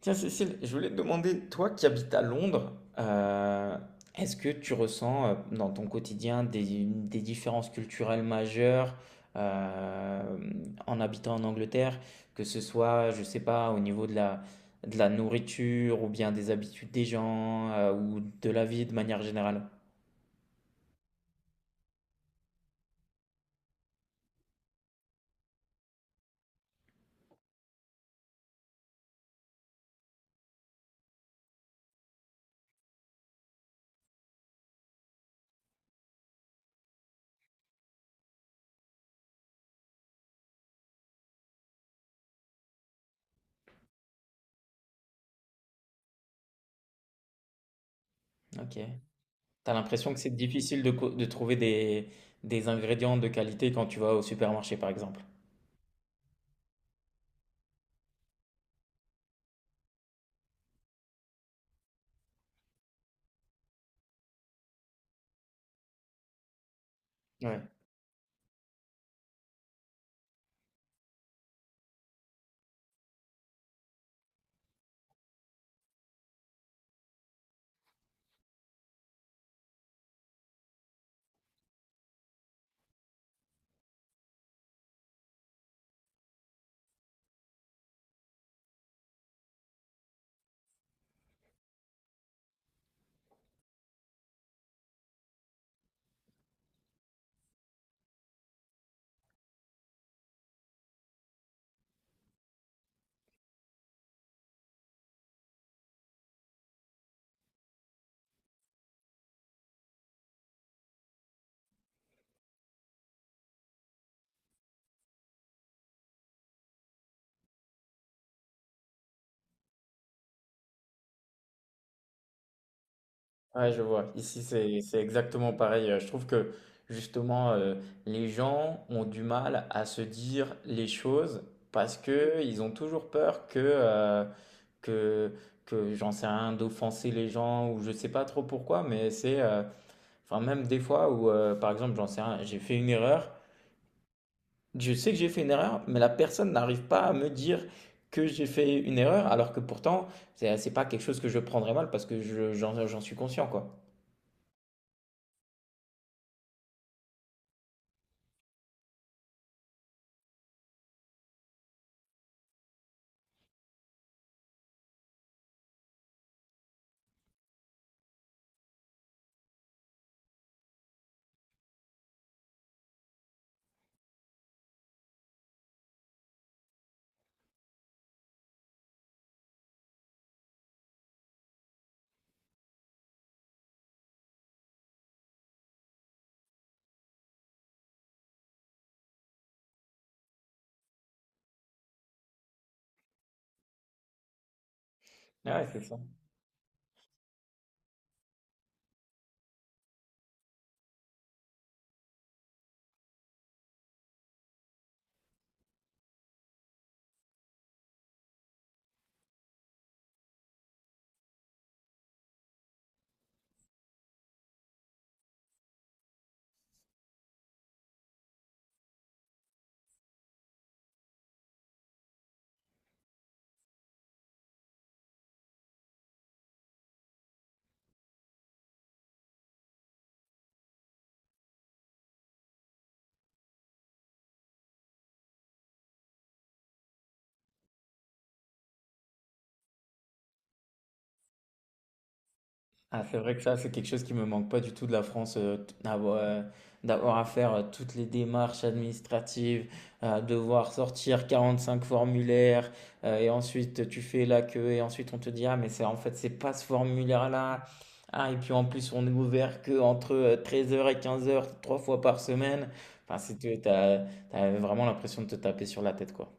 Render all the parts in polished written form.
Tiens, Cécile, je voulais te demander, toi qui habites à Londres, euh, est-ce que tu ressens dans ton quotidien des différences culturelles majeures euh, en habitant en Angleterre, que ce soit, je sais pas, au niveau de la nourriture ou bien des habitudes des gens ou de la vie de manière générale? Ok. T'as l'impression que c'est difficile de, de trouver des ingrédients de qualité quand tu vas au supermarché, par exemple? Ouais. Ouais, je vois. Ici, c'est exactement pareil. Je trouve que justement, les gens ont du mal à se dire les choses parce que ils ont toujours peur que que que j'en sais rien d'offenser les gens ou je sais pas trop pourquoi. Mais c'est enfin même des fois où par exemple j'en sais rien, j'ai fait une erreur. Je sais que j'ai fait une erreur, mais la personne n'arrive pas à me dire que j'ai fait une erreur, alors que pourtant c'est pas quelque chose que je prendrais mal parce que je j'en j'en suis conscient quoi. Ouais, c'est ça. Ah, c'est vrai que ça, c'est quelque chose qui me manque pas du tout de la France, d'avoir d'avoir à faire toutes les démarches administratives, devoir sortir 45 formulaires, et ensuite tu fais la queue, et ensuite on te dit, ah, mais c'est pas ce formulaire-là. Ah, et puis en plus, on est ouvert que entre 13 heures et 15 heures trois fois par semaine. Enfin, c'est, t'as, t'as vraiment l'impression de te taper sur la tête, quoi.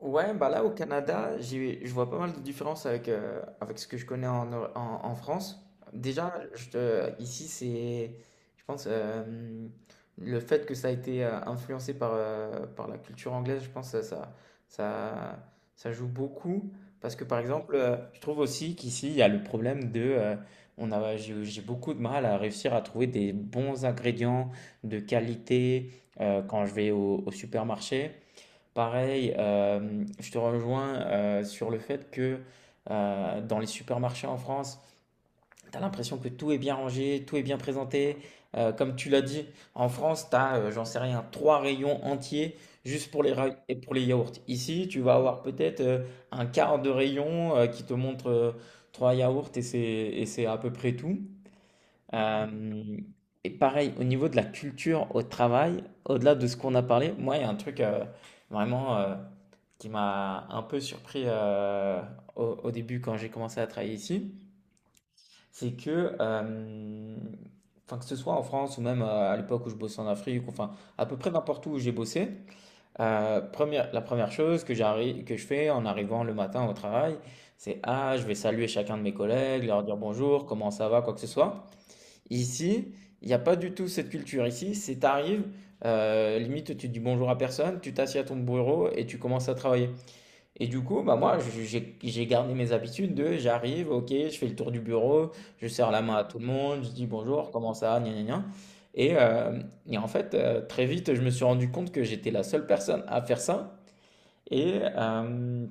Ouais, bah là au Canada, j'ai, je vois pas mal de différences avec, avec ce que je connais en, en France. Déjà, ici, c'est, je pense, le fait que ça a été influencé par, par la culture anglaise, je pense que ça, ça joue beaucoup. Parce que par exemple, je trouve aussi qu'ici, il y a le problème de... on a, j'ai beaucoup de mal à réussir à trouver des bons ingrédients de qualité quand je vais au supermarché. Pareil, je te rejoins, sur le fait que, dans les supermarchés en France, tu as l'impression que tout est bien rangé, tout est bien présenté. Comme tu l'as dit, en France, tu as, j'en sais rien, 3 rayons entiers juste pour les ra et pour les yaourts. Ici, tu vas avoir peut-être, 1/4 de rayon, qui te montre, 3 yaourts et c'est à peu près tout. Euh, et pareil, au niveau de la culture au travail, au-delà de ce qu'on a parlé, moi, il y a un truc vraiment qui m'a un peu surpris au, au début quand j'ai commencé à travailler ici, c'est que, enfin, que ce soit en France ou même à l'époque où je bossais en Afrique, enfin, à peu près n'importe où où j'ai bossé, la première chose que j'arrive, que je fais en arrivant le matin au travail, c'est, ah, je vais saluer chacun de mes collègues, leur dire bonjour, comment ça va, quoi que ce soit. Ici, il n'y a pas du tout cette culture. Ici, c'est t'arrives, limite tu dis bonjour à personne, tu t'assieds à ton bureau et tu commences à travailler. Et du coup, bah moi, j'ai gardé mes habitudes de j'arrive, ok, je fais le tour du bureau, je serre la main à tout le monde, je dis bonjour, comment ça, gna gna gna. Et, euh, et en fait, très vite, je me suis rendu compte que j'étais la seule personne à faire ça. Et, euh,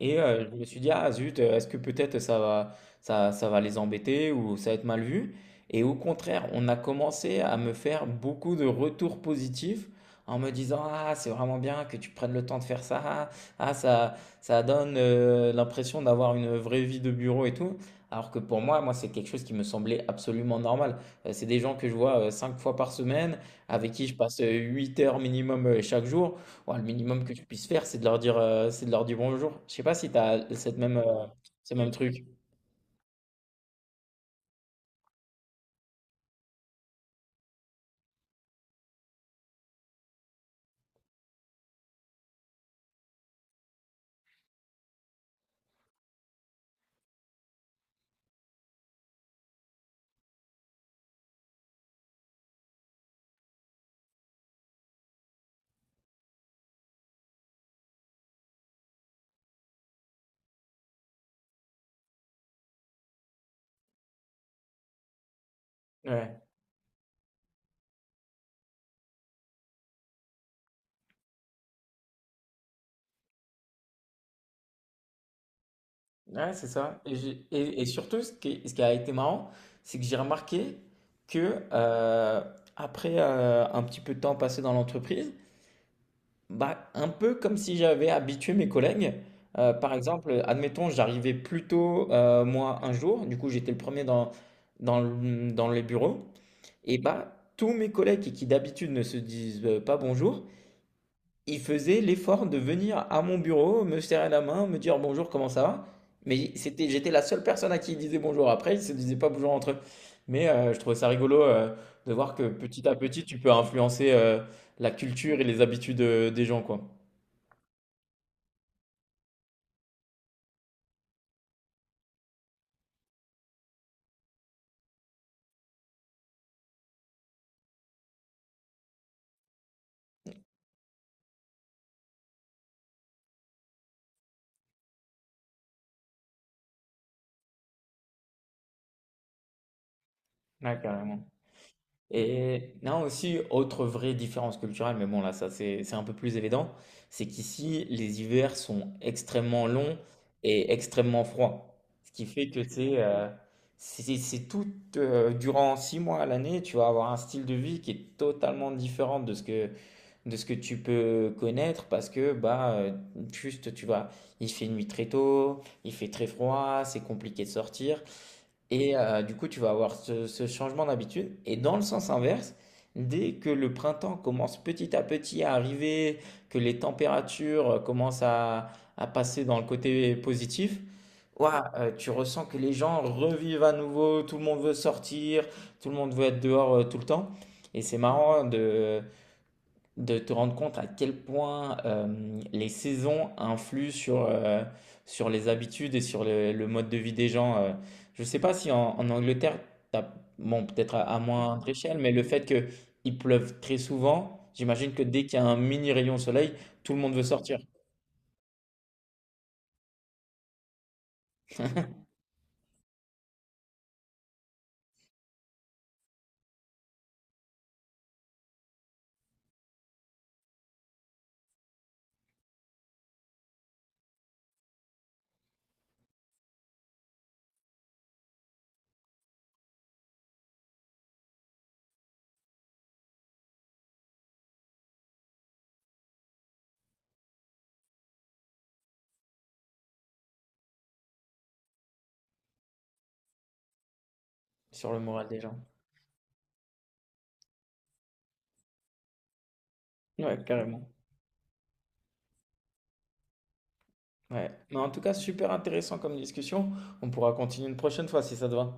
je me suis dit, ah zut, est-ce que peut-être ça va les embêter ou ça va être mal vu? Et au contraire, on a commencé à me faire beaucoup de retours positifs en me disant, ah c'est vraiment bien que tu prennes le temps de faire ça, ah, ça, ça donne l'impression d'avoir une vraie vie de bureau et tout. Alors que pour moi, moi, c'est quelque chose qui me semblait absolument normal. C'est des gens que je vois 5 fois par semaine, avec qui je passe 8 heures minimum chaque jour. Ouah, le minimum que je puisse faire, c'est de leur dire, c'est de leur dire bonjour. Je sais pas si tu as cette même, ce même truc. Ouais, ouais, c'est ça et j'ai et surtout ce qui a été marrant, c'est que j'ai remarqué que, heu, après, un petit peu de temps passé dans l'entreprise, bah, un peu comme si j'avais habitué mes collègues. Par exemple, admettons, j'arrivais plus tôt, moi, un jour, du coup, j'étais le premier dans le, dans les bureaux et bah, tous mes collègues qui d'habitude ne se disent, pas bonjour, il faisait l'effort de venir à mon bureau, me serrer la main, me dire bonjour, comment ça va? Mais c'était, j'étais la seule personne à qui il disait bonjour. Après, ils se disaient pas bonjour entre eux. Mais je trouvais ça rigolo de voir que petit à petit, tu peux influencer la culture et les habitudes des gens, quoi. Ouais, carrément. Et non, aussi, autre vraie différence culturelle, mais bon, là, c'est un peu plus évident, c'est qu'ici, les hivers sont extrêmement longs et extrêmement froids. Ce qui fait que c'est tout, durant 6 mois à l'année, tu vas avoir un style de vie qui est totalement différent de ce que tu peux connaître parce que, bah, juste, tu vas, il fait nuit très tôt, il fait très froid, c'est compliqué de sortir. Et du coup, tu vas avoir ce changement d'habitude. Et dans le sens inverse, dès que le printemps commence petit à petit à arriver, que les températures commencent à passer dans le côté positif, ouah, tu ressens que les gens revivent à nouveau, tout le monde veut sortir, tout le monde veut être dehors tout le temps. Et c'est marrant de te rendre compte à quel point les saisons influent sur, sur les habitudes et sur le mode de vie des gens. Je ne sais pas si en, en Angleterre, t'as- bon, peut-être à moindre échelle, mais le fait qu'il pleuve très souvent, j'imagine que dès qu'il y a un mini rayon soleil, tout le monde veut sortir sur le moral des gens. Ouais, carrément. Ouais. Mais en tout cas, super intéressant comme discussion. On pourra continuer une prochaine fois si ça te va.